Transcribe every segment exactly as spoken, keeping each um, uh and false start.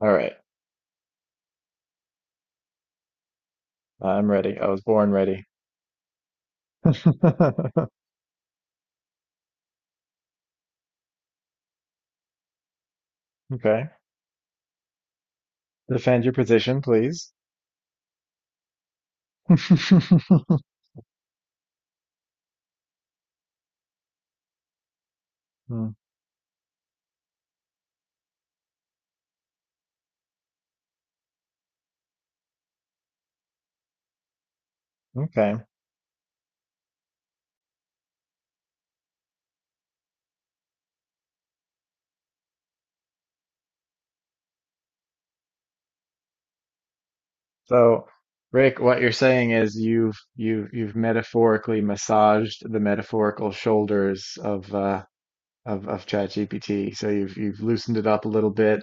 All right. I'm ready. I was born ready. Okay. Defend your position, please. Hmm, Okay. So, Rick, what you're saying is you've you've you've metaphorically massaged the metaphorical shoulders of uh of of ChatGPT. So you've you've loosened it up a little bit,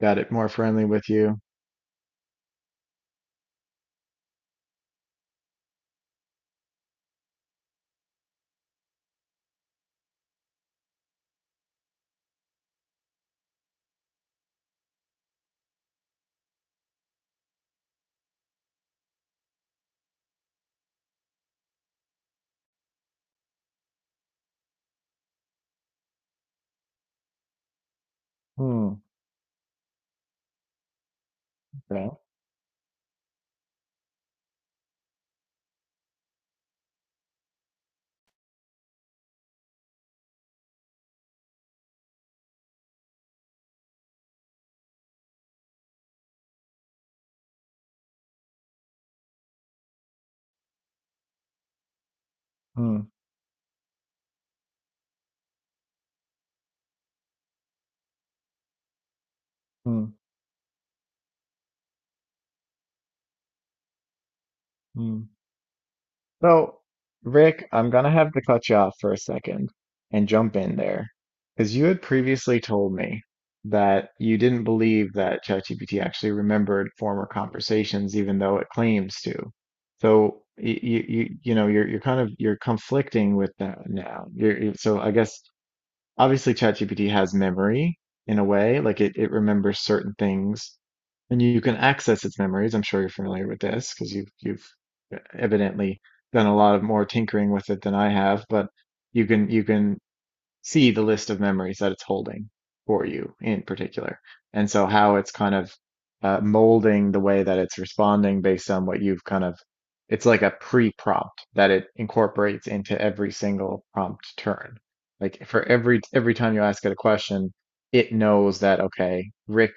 got it more friendly with you. Hmm. Okay. Hmm. Hmm. Hmm. So Rick, I'm gonna have to cut you off for a second and jump in there. Because you had previously told me that you didn't believe that ChatGPT actually remembered former conversations, even though it claims to. So you you you know you're you're kind of you're conflicting with that now. You're, you so I guess obviously ChatGPT has memory in a way, like it, it remembers certain things and you can access its memories. I'm sure you're familiar with this because you've you've uh, evidently done a lot of more tinkering with it than I have, but you can you can see the list of memories that it's holding for you in particular. And so how it's kind of uh, molding the way that it's responding based on what you've kind of, it's like a pre-prompt that it incorporates into every single prompt turn. Like for every every time you ask it a question, it knows that, okay, Rick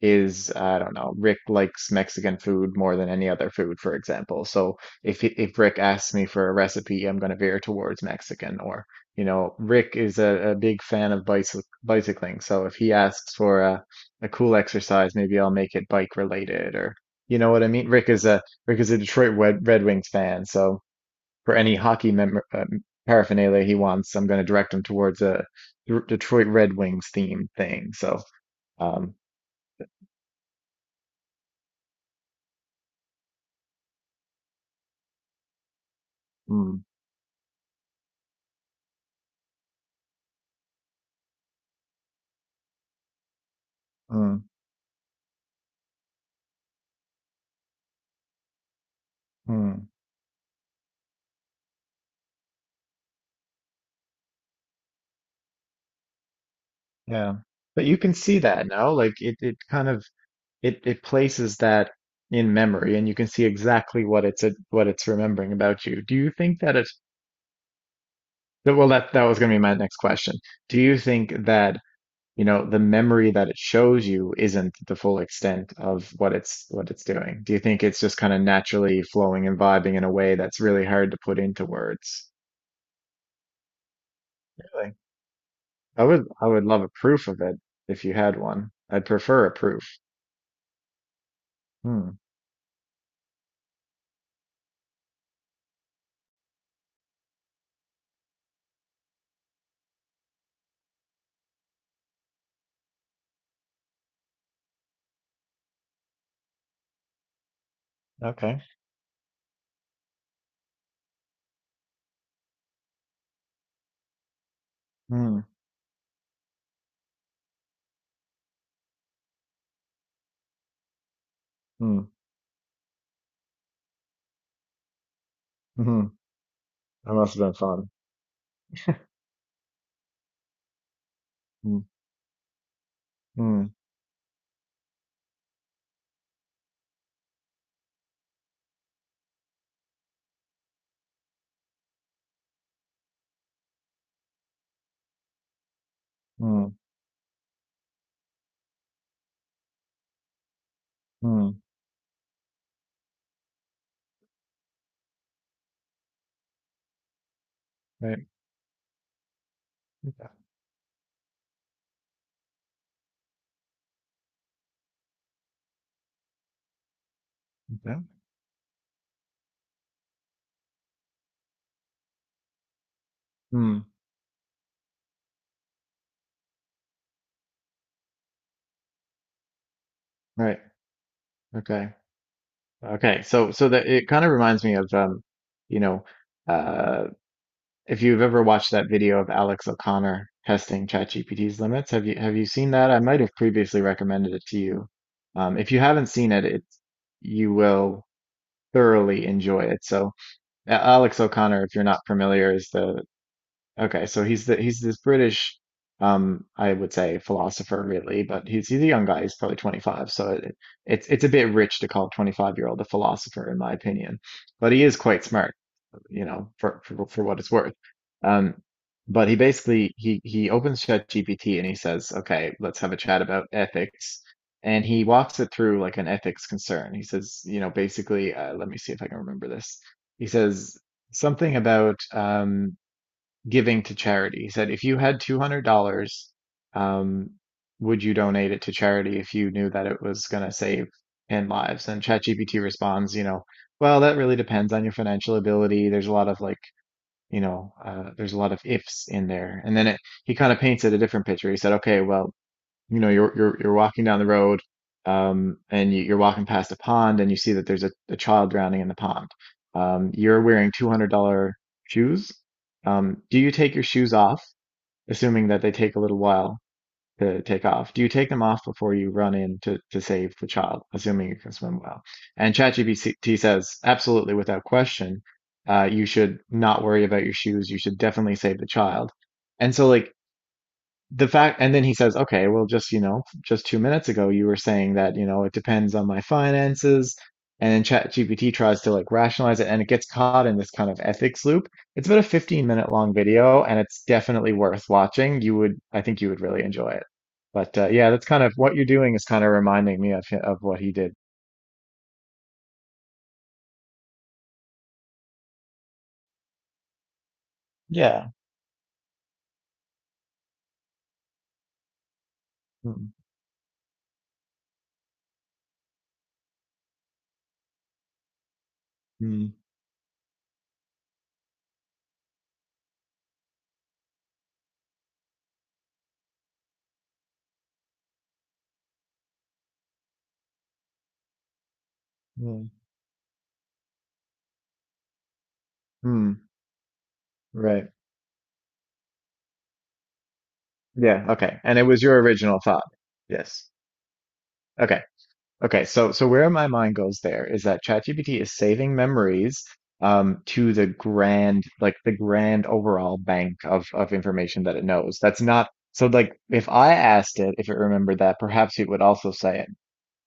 is I don't know, Rick likes Mexican food more than any other food, for example. So if he- if Rick asks me for a recipe, I'm going to veer towards Mexican. Or you know, Rick is a, a big fan of bicy bicycling, so if he asks for a a cool exercise, maybe I'll make it bike related. Or you know what I mean? Rick is a Rick is a Detroit Red, Red Wings fan, so for any hockey mem uh, paraphernalia he wants, I'm going to direct him towards a D- Detroit Red Wings themed thing. So um, mm. Mm. Hmm. Yeah. But you can see that now. Like it, it kind of it, it places that in memory and you can see exactly what it's what it's remembering about you. Do you think that it that- well that that was gonna be my next question. Do you think that, you know, the memory that it shows you isn't the full extent of what it's what it's doing? Do you think it's just kind of naturally flowing and vibing in a way that's really hard to put into words? Really? I would I would love a proof of it if you had one. I'd prefer a proof. Hmm. Okay. Mm, mm, mm. That must have been fun. Mm, mm, mm, mm. Right. Yeah. Yeah. Mm, right. Okay. Okay. So, so that it kind of reminds me of, um, you know, uh, if you've ever watched that video of Alex O'Connor testing ChatGPT's limits, have you have you seen that? I might have previously recommended it to you. Um, if you haven't seen it, it you will thoroughly enjoy it. So, A- Alex O'Connor, if you're not familiar, is the Okay, so he's the he's this British, um, I would say philosopher really, but he's he's a young guy. He's probably twenty-five, so it, it's it's a bit rich to call a twenty-five year old a philosopher in my opinion. But he is quite smart, you know, for for, for what it's worth. Um, but he basically he he opens ChatGPT and he says, "Okay, let's have a chat about ethics." And he walks it through like an ethics concern. He says, you know, basically, uh, let me see if I can remember this. He says something about um giving to charity. He said, if you had two hundred dollars um, would you donate it to charity if you knew that it was going to save in lives? And ChatGPT responds, you know, well, that really depends on your financial ability. There's a lot of like, you know, uh, there's a lot of ifs in there. And then it, he kind of painted a different picture. He said, okay, well, you know you're you're you're walking down the road um and you, you're walking past a pond and you see that there's a, a child drowning in the pond um you're wearing two hundred dollars shoes um do you take your shoes off assuming that they take a little while to take off do you take them off before you run in to to save the child assuming you can swim well and ChatGPT says absolutely without question uh you should not worry about your shoes you should definitely save the child and so like the fact and then he says okay well just you know just two minutes ago you were saying that you know it depends on my finances and then chat gpt tries to like rationalize it and it gets caught in this kind of ethics loop it's about a fifteen minute long video and it's definitely worth watching you would I think you would really enjoy it but uh, yeah that's kind of what you're doing is kind of reminding me of hi- of what he did yeah mm mm mm mm. Right yeah okay and it was your original thought yes okay. Okay, so so where my mind goes there is that ChatGPT is saving memories um to the grand like the grand overall bank of of information that it knows. That's not so like if I asked it if it remembered that, perhaps it would also say it.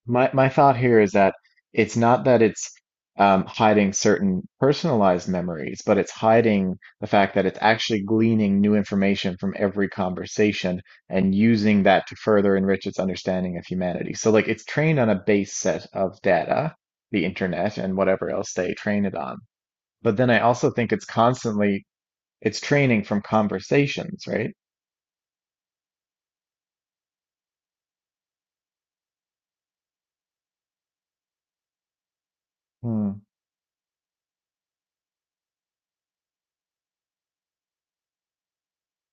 My my thought here is that it's not that it's um, hiding certain personalized memories, but it's hiding the fact that it's actually gleaning new information from every conversation and using that to further enrich its understanding of humanity. So like it's trained on a base set of data, the internet and whatever else they train it on. But then I also think it's constantly it's training from conversations, right? Hmm,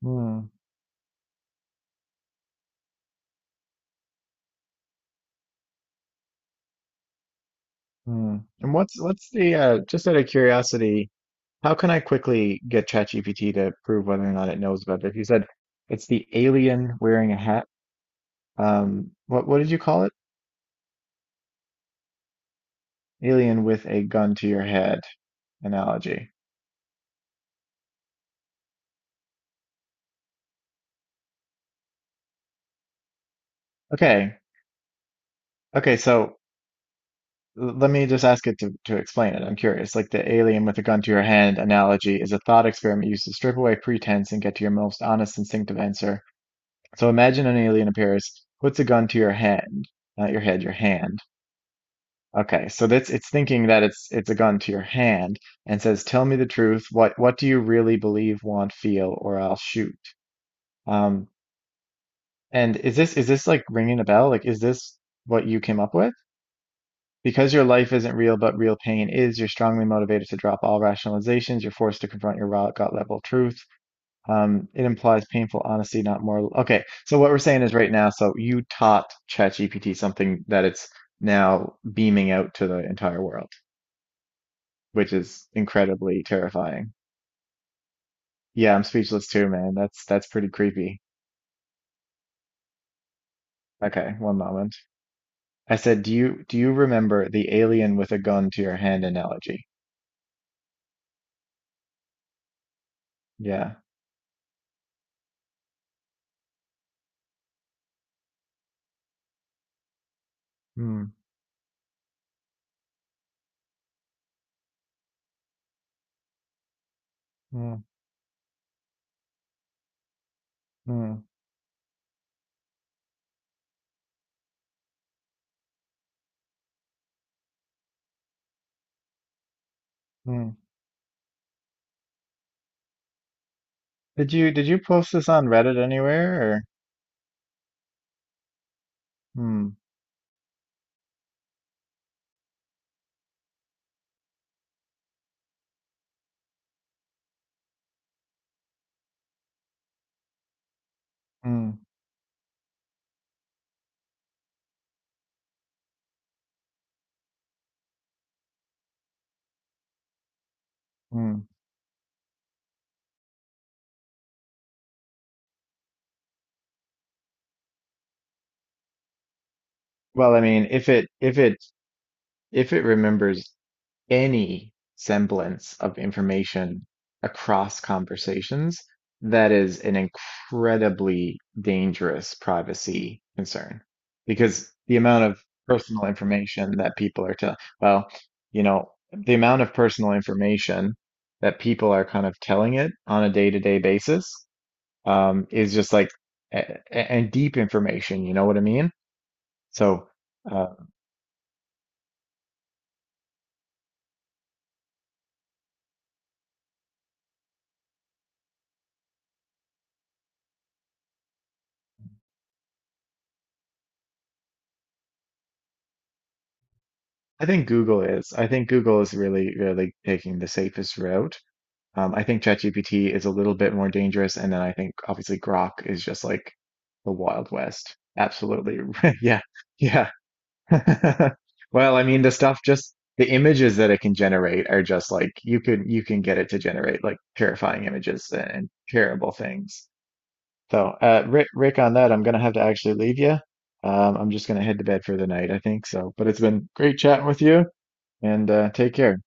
hmm, hmm. And what's what's the uh, just out of curiosity? How can I quickly get ChatGPT to prove whether or not it knows about this? You said it's the alien wearing a hat. Um, what what did you call it? Alien with a gun to your head analogy. Okay. Okay, so l- let me just ask it to, to explain it. I'm curious. Like the alien with a gun to your hand analogy is a thought experiment used to strip away pretense and get to your most honest instinctive answer. So imagine an alien appears, puts a gun to your hand, not your head, your hand Okay, so that's it's thinking that it's it's a gun to your hand and says, "Tell me the truth. What what do you really believe, want, feel, or I'll shoot." Um, and is this is this like ringing a bell? Like, is this what you came up with? Because your life isn't real, but real pain is. You're strongly motivated to drop all rationalizations. You're forced to confront your raw gut level truth. Um, it implies painful honesty, not moral. Okay, so what we're saying is right now. So you taught ChatGPT something that it's now beaming out to the entire world. Which is incredibly terrifying. Yeah, I'm speechless too, man. That's that's pretty creepy. Okay, one moment. I said, do you do you remember the alien with a gun to your hand analogy? Yeah. Hmm. Hmm. Hmm. Hmm. Did you did you post this on Reddit anywhere or? Hmm. Hmm. Hmm. Well, I mean, if it if it if it remembers any semblance of information across conversations, that is an incredibly dangerous privacy concern because the amount of personal information that people are telling, well, you know, the amount of personal information that people are kind of telling it on a day-to-day basis um, is just like a- a- and deep information, you know what I mean? So uh, I think Google is. I think Google is really, really taking the safest route. Um, I think ChatGPT is a little bit more dangerous, and then I think obviously Grok is just like the Wild West. Absolutely. Yeah. Yeah. Well, I mean, the stuff just the images that it can generate are just like you can you can get it to generate like terrifying images and, and terrible things. So, uh, Rick, Rick, on that, I'm gonna have to actually leave you. Um, I'm just gonna head to bed for the night, I think so. But it's been great chatting with you, and uh, take care.